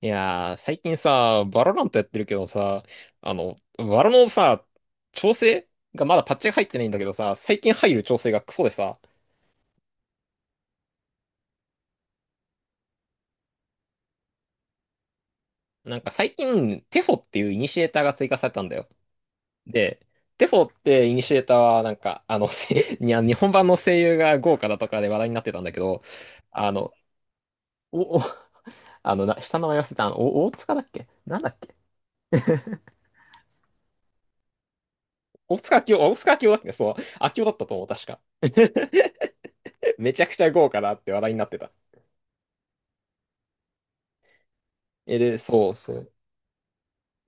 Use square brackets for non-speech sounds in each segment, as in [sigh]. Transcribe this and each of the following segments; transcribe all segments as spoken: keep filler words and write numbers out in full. いやー、最近さ、バロラントやってるけどさ、あの、バロのさ、調整がまだパッチが入ってないんだけどさ、最近入る調整がクソでさ、なんか最近、テフォっていうイニシエーターが追加されたんだよ。で、テフォってイニシエーターは、なんか、あの、せ [laughs] い日本版の声優が豪華だとかで話題になってたんだけど、あの、お、お、あの、な、下の名前忘れた、あの、お大塚だっけなんだっけ [laughs] 大塚明夫、あ大塚明夫だっけそう、明夫だったと思う、確か。[laughs] めちゃくちゃ豪華だって話題になってた。え、で、そうそう。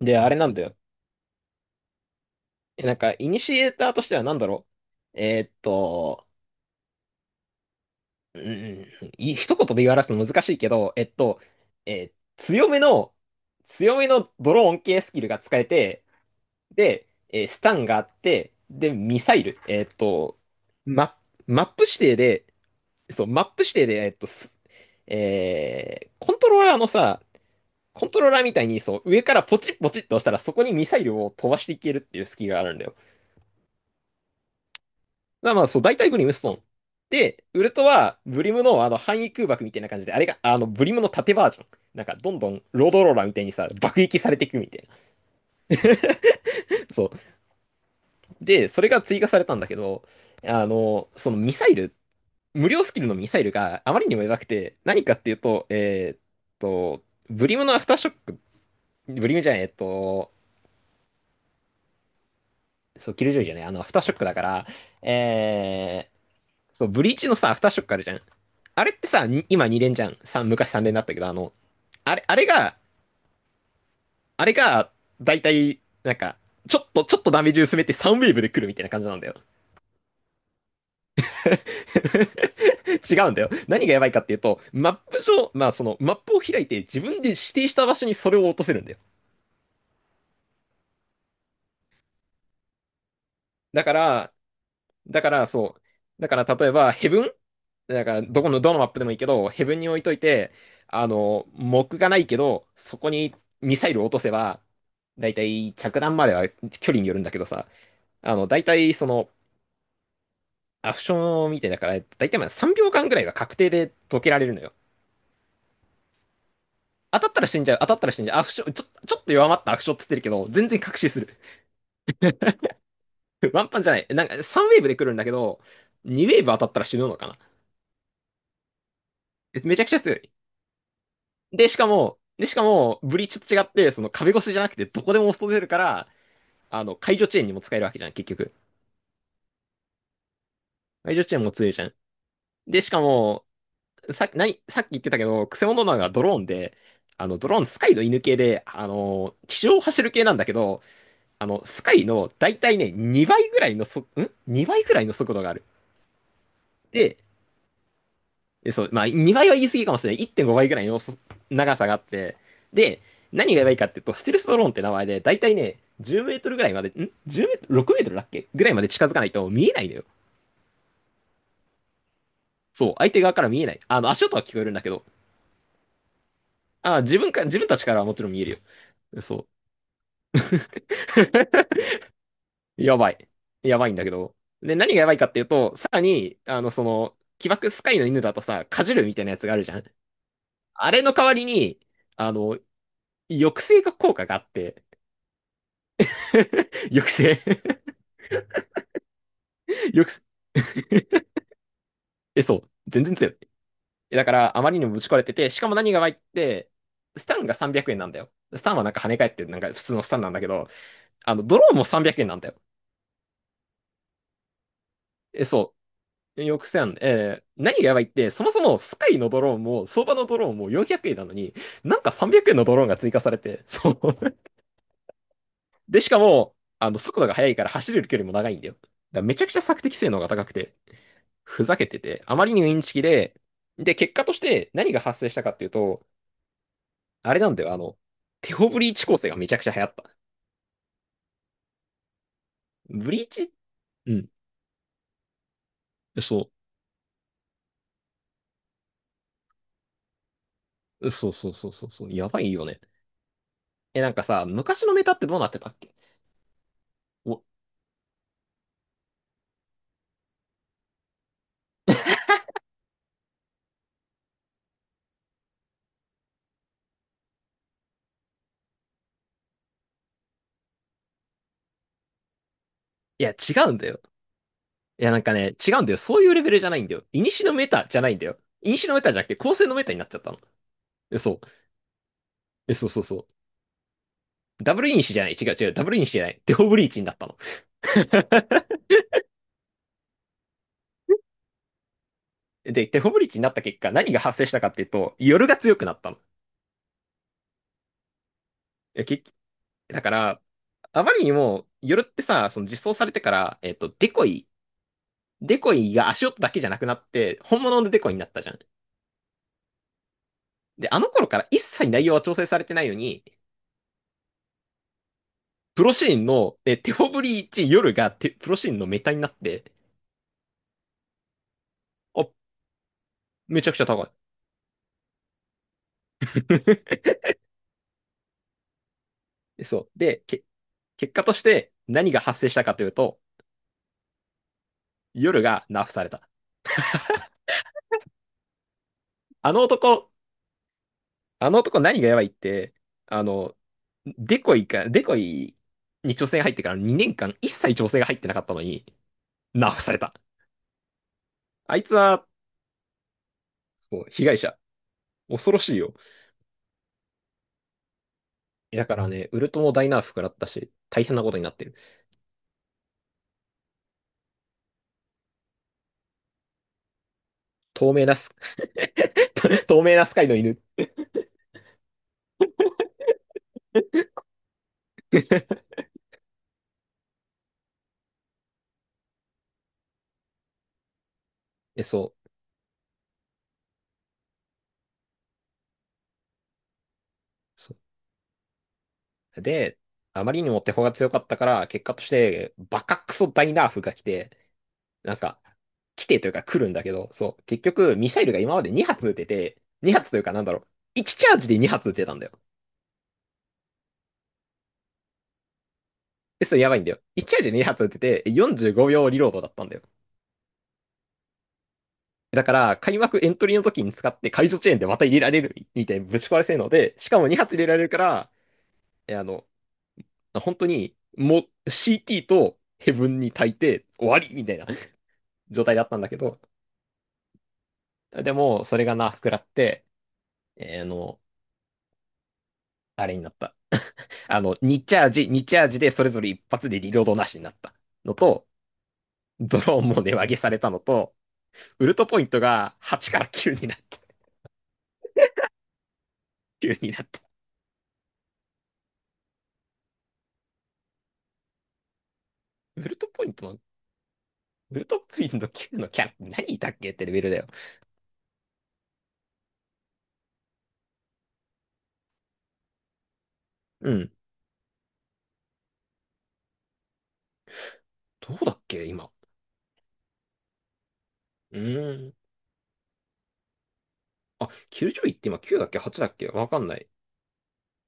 で、あれなんだよ。え、なんか、イニシエーターとしてはなんだろう。えーっと、うん、い一言で言い表すの難しいけど、えっと、えー強めの、強めのドローン系スキルが使えて、で、えースタンがあって、で、ミサイル。えーっと、マ、マップ指定で、そう、マップ指定で、えーっと、すえーコントローラーのさ、コントローラーみたいに、そう、上からポチッポチッと押したら、そこにミサイルを飛ばしていけるっていうスキルがあるんだよ。まあまあ、そう、大体ブリム、ストーン。で、ウルトは、ブリムのあの範囲空爆みたいな感じで、あれが、あの、ブリムの縦バージョン。なんか、どんどん、ロードローラーみたいにさ、爆撃されていくみたいな。[laughs] そう。で、それが追加されたんだけど、あの、そのミサイル、無料スキルのミサイルがあまりにも弱くて、何かっていうと、えーっと、ブリムのアフターショック、ブリムじゃない、えっと、そう、キルジョイじゃない、あの、アフターショックだから、えそう、ブリーチのさ、アフターショックあるじゃん。あれってさ、に今に連じゃん。さん昔さん連だったけど、あの、あれ、あれが、あれが、だいたい、なんか、ちょっと、ちょっとダメージ薄めてさんウェーブで来るみたいな感じなんだよ。[laughs] 違うんだよ。何がやばいかっていうと、マップ上、まあその、マップを開いて自分で指定した場所にそれを落とせるんだよ。だから、だから、そう。だから、例えば、ヘブンだから、どこの、どのマップでもいいけど、ヘブンに置いといて、あの、木がないけど、そこにミサイルを落とせば、だいたい着弾までは距離によるんだけどさ、あの、だいたいその、アクションみたいだから、だいたいまあさんびょうかんぐらいは確定で解けられるのよ。当たったら死んじゃう、当たったら死んじゃう、アフション、ちょ、ちょっと弱まったアクションっつってるけど、全然確信する。[laughs] ワンパンじゃない。なんかさんウェーブで来るんだけど、にウェーブ当たったら死ぬのかな。めちゃくちゃ強い。で、しかも、で、しかも、ブリーチと違って、その壁越しじゃなくて、どこでも押し通せるから、あの、解除遅延にも使えるわけじゃん、結局。解除遅延も強いじゃん。で、しかも、さっき、なさっき言ってたけど、クセモノなのがドローンで、あの、ドローンスカイの犬系で、あの、地上を走る系なんだけど、あの、スカイの大体ね、にばいぐらいのそ、ん ?に 倍ぐらいの速度がある。で、えそう、まあ、にばいは言い過ぎかもしれない。いってんごばいぐらいのそ長さがあって、で、何がやばいかっていうと、ステルスドローンって名前で、だいたいね、じゅうメートルぐらいまで、んいちメートル ?ろく メートルだっけぐらいまで近づかないと見えないのよ。そう、相手側から見えない。あの、足音は聞こえるんだけど、あ、自分か、自分たちからはもちろん見えるよ。そう。[laughs] やばい。やばいんだけど。で、何がやばいかっていうと、さらに、あの、その、起爆スカイの犬だとさ、かじるみたいなやつがあるじゃん。あれの代わりに、あの、抑制が効果があって、[laughs] 抑制よく [laughs] え、そう。全然強い。えだから、あまりにもぶち壊れてて、しかも何が悪いって、スタンがさんびゃくえんなんだよ。スタンはなんか跳ね返ってる、なんか普通のスタンなんだけど、あの、ドローンもさんびゃくえんなんだよ。え、そう。よくせん。えー何がやばいって、そもそもスカイのドローンも、相場のドローンもよんひゃくえんなのに、なんかさんびゃくえんのドローンが追加されて、そう。[laughs] で、しかも、あの、速度が速いから走れる距離も長いんだよ。だからめちゃくちゃ索敵性能が高くて、ふざけてて、あまりにインチキで、で、結果として何が発生したかっていうと、あれなんだよ、あの、テオブリーチ構成がめちゃくちゃ流行った。ブリーチうん。そう。そうそうそうそうそう。やばいよね。え、なんかさ、昔のメタってどうなってたっけお、いや、違うんだよ。いや、なんかね、違うんだよ。そういうレベルじゃないんだよ。イニシのメタじゃないんだよ。イニシのメタじゃなくて、構成のメタになっちゃったの。え、そう。え、そうそうそう。ダブルイニシじゃない。違う違う。ダブルイニシじゃない。テオブリーチになったの。で、テオブリーチになった結果、何が発生したかっていうと、夜が強くなったの。え結だから、あまりにも、夜ってさ、その実装されてから、えっと、デコイ、デコイが足音だけじゃなくなって、本物のデコイになったじゃん。で、あの頃から一切内容は調整されてないのに、プロシーンの、え、テフォブリーチ夜がテ、プロシーンのメタになって、あ、めちゃくちゃ高い。[laughs] でそう。で、け、結果として何が発生したかというと、夜がナーフされた。あの男、あの男何がやばいって、あの、デコイか、デコイに挑戦入ってからにねんかん一切調整が入ってなかったのに、ナーフされた。あいつは、そう、被害者。恐ろしいよ。だからね、ウルトも大ナーフ食らったし、大変なことになってる。透明なス、[laughs] 透明なスカイの犬。え、そう。そう。で、あまりにも手法が強かったから、結果として、バカクソ大ナーフが来て、なんか、来てというか来るんだけど、そう、結局、ミサイルが今までに発撃てて、に発というかなんだろう、いちチャージでに発撃てたんだよ。え、それやばいんだよ。いちチャージでに発撃てて、よんじゅうごびょうリロードだったんだよ。だから、開幕エントリーの時に使って解除チェーンでまた入れられるみたいにぶち壊れ性能で、しかもにはつ発入れられるから、え、あの、本当に、もう シーティー とヘブンに焚いて終わりみたいな [laughs] 状態だったんだけど、でも、それがな、膨らって、えーあの、あれになった。あの、にチャージ、にチャージでそれぞれ一発でリロードなしになったのと、ドローンも値上げされたのと、ウルトポイントがはちからきゅうになった。きゅうになった。ウルトポイントの、ウルトポイントのきゅうのキャラ何いたっけってレベルだよ。うん。どうだっけ今。うーん。あ、きゅうじゅういって今きゅうだっけ？ はち だっけわかんない。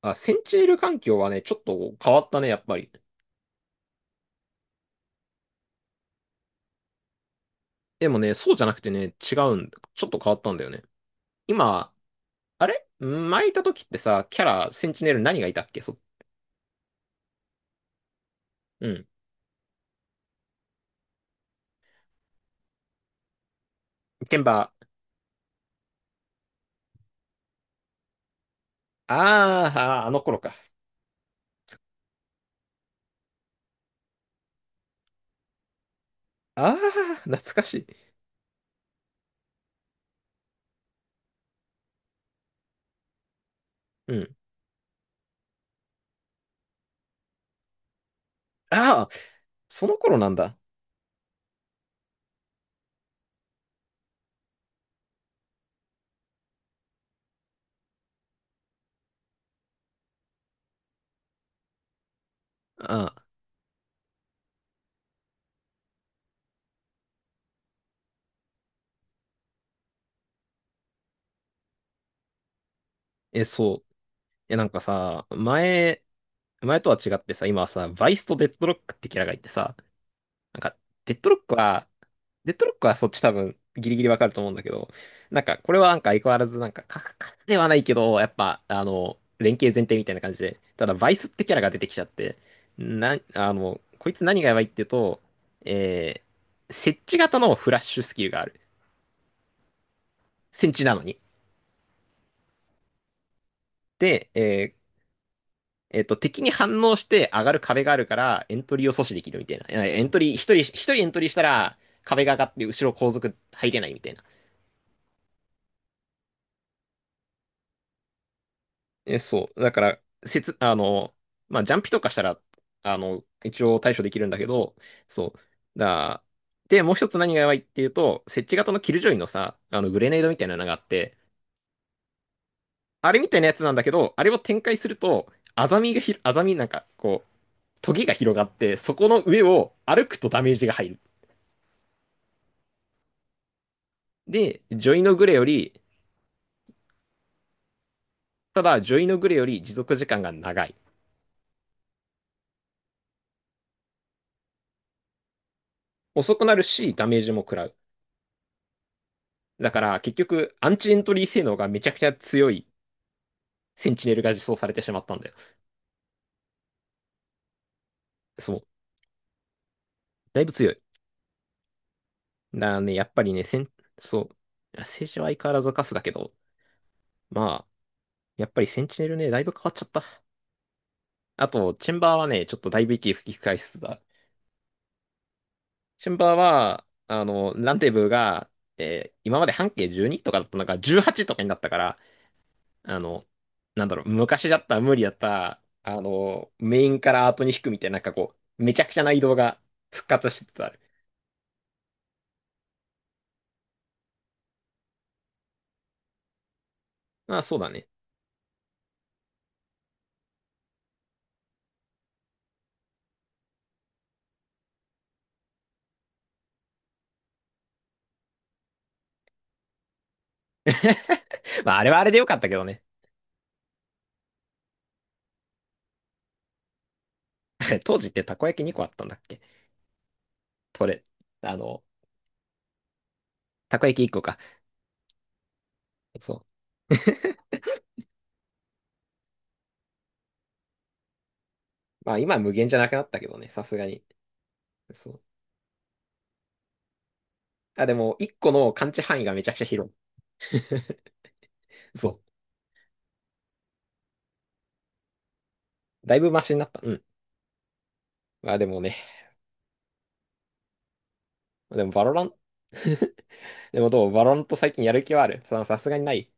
あ、センチネル環境はね、ちょっと変わったね、やっぱり。でもね、そうじゃなくてね、違うんだ。ちょっと変わったんだよね。今、あれ前いた時ってさ、キャラ、センチネル何がいたっけそうん。ケンバー。あーあー、あの頃か。ああ、懐かしい。うん。ああ、その頃なんだ。ああ、え、そう。え、なんかさ、前、前とは違ってさ、今はさ、バイスとデッドロックってキャラがいてさ、なんか、デッドロックはデッドロックはそっち多分ギリギリわかると思うんだけど、なんかこれはなんか相変わらずなんかカクではないけど、やっぱあの、連携前提みたいな感じで、ただバイスってキャラが出てきちゃって、な、あの、こいつ何がやばいっていうと、えー、設置型のフラッシュスキルがある。戦地なのに。で、えーえっと、敵に反応して上がる壁があるから、エントリーを阻止できるみたいな。えエントリー、一人、一人エントリーしたら、壁が上がって後ろ後続入れないみたいな。え、そう。だから、せつ、あの、まあ、ジャンピとかしたら、あの、一応対処できるんだけど、そう。だ、で、もう一つ何がやばいっていうと、設置型のキルジョイのさ、あの、グレネードみたいなのがあって、あれみたいなやつなんだけど、あれを展開すると、アザミがひ、アザミなんか、こう、トゲが広がって、そこの上を歩くとダメージが入る。で、ジョイのグレより、ただ、ジョイのグレより持続時間が長い。遅くなるし、ダメージも食らう。だから、結局、アンチエントリー性能がめちゃくちゃ強い。センチネルが実装されてしまったんだよ。そう。だいぶ強い。だからね、やっぱりね、セン、そう。政治は相変わらずカスだけど、まあ、やっぱりセンチネルね、だいぶ変わっちゃった。あと、チェンバーはね、ちょっとだいぶ息吹き返しつつだ。チェンバーは、あの、ランデブーが、えー今まで半径じゅうにとかだったのがじゅうはちとかになったから、あの、なんだろう、昔だったら無理だった、あの、メインから後に引くみたいな、なんかこう、めちゃくちゃな移動が復活しつつある。まあ、そうだね。[laughs] まあ、あれはあれでよかったけどね。[laughs] 当時ってたこ焼きにこあったんだっけそれ。あの、たこ焼きいっこか。そう。[laughs] まあ、今は無限じゃなくなったけどね、さすがに。そう。あ、でも、いっこの感知範囲がめちゃくちゃ広い。[laughs] そう。だいぶマシになった。うん。まあ、でもね、でも、バロラン、[laughs] でもどうバロランと最近やる気はあるささすがにない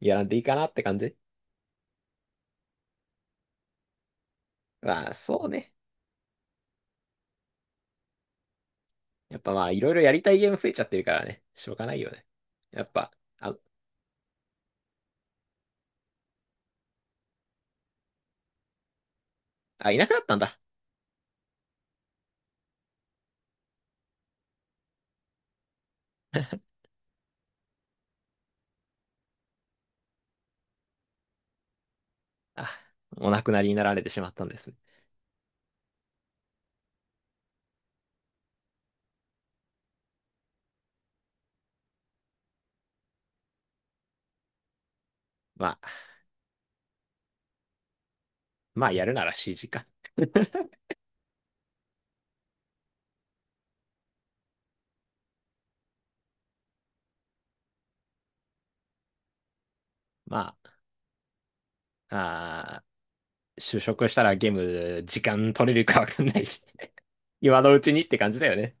やらんでいいかなって感じまあ、そうね。やっぱまあ、いろいろやりたいゲーム増えちゃってるからね。しょうがないよね。やっぱ、あ、あ、いなくなったんだ。あ、お亡くなりになられてしまったんですね。まあ、まあ、やるなら シージー か。まあ、あー就職したらゲーム時間取れるかわかんないし、今のうちにって感じだよね。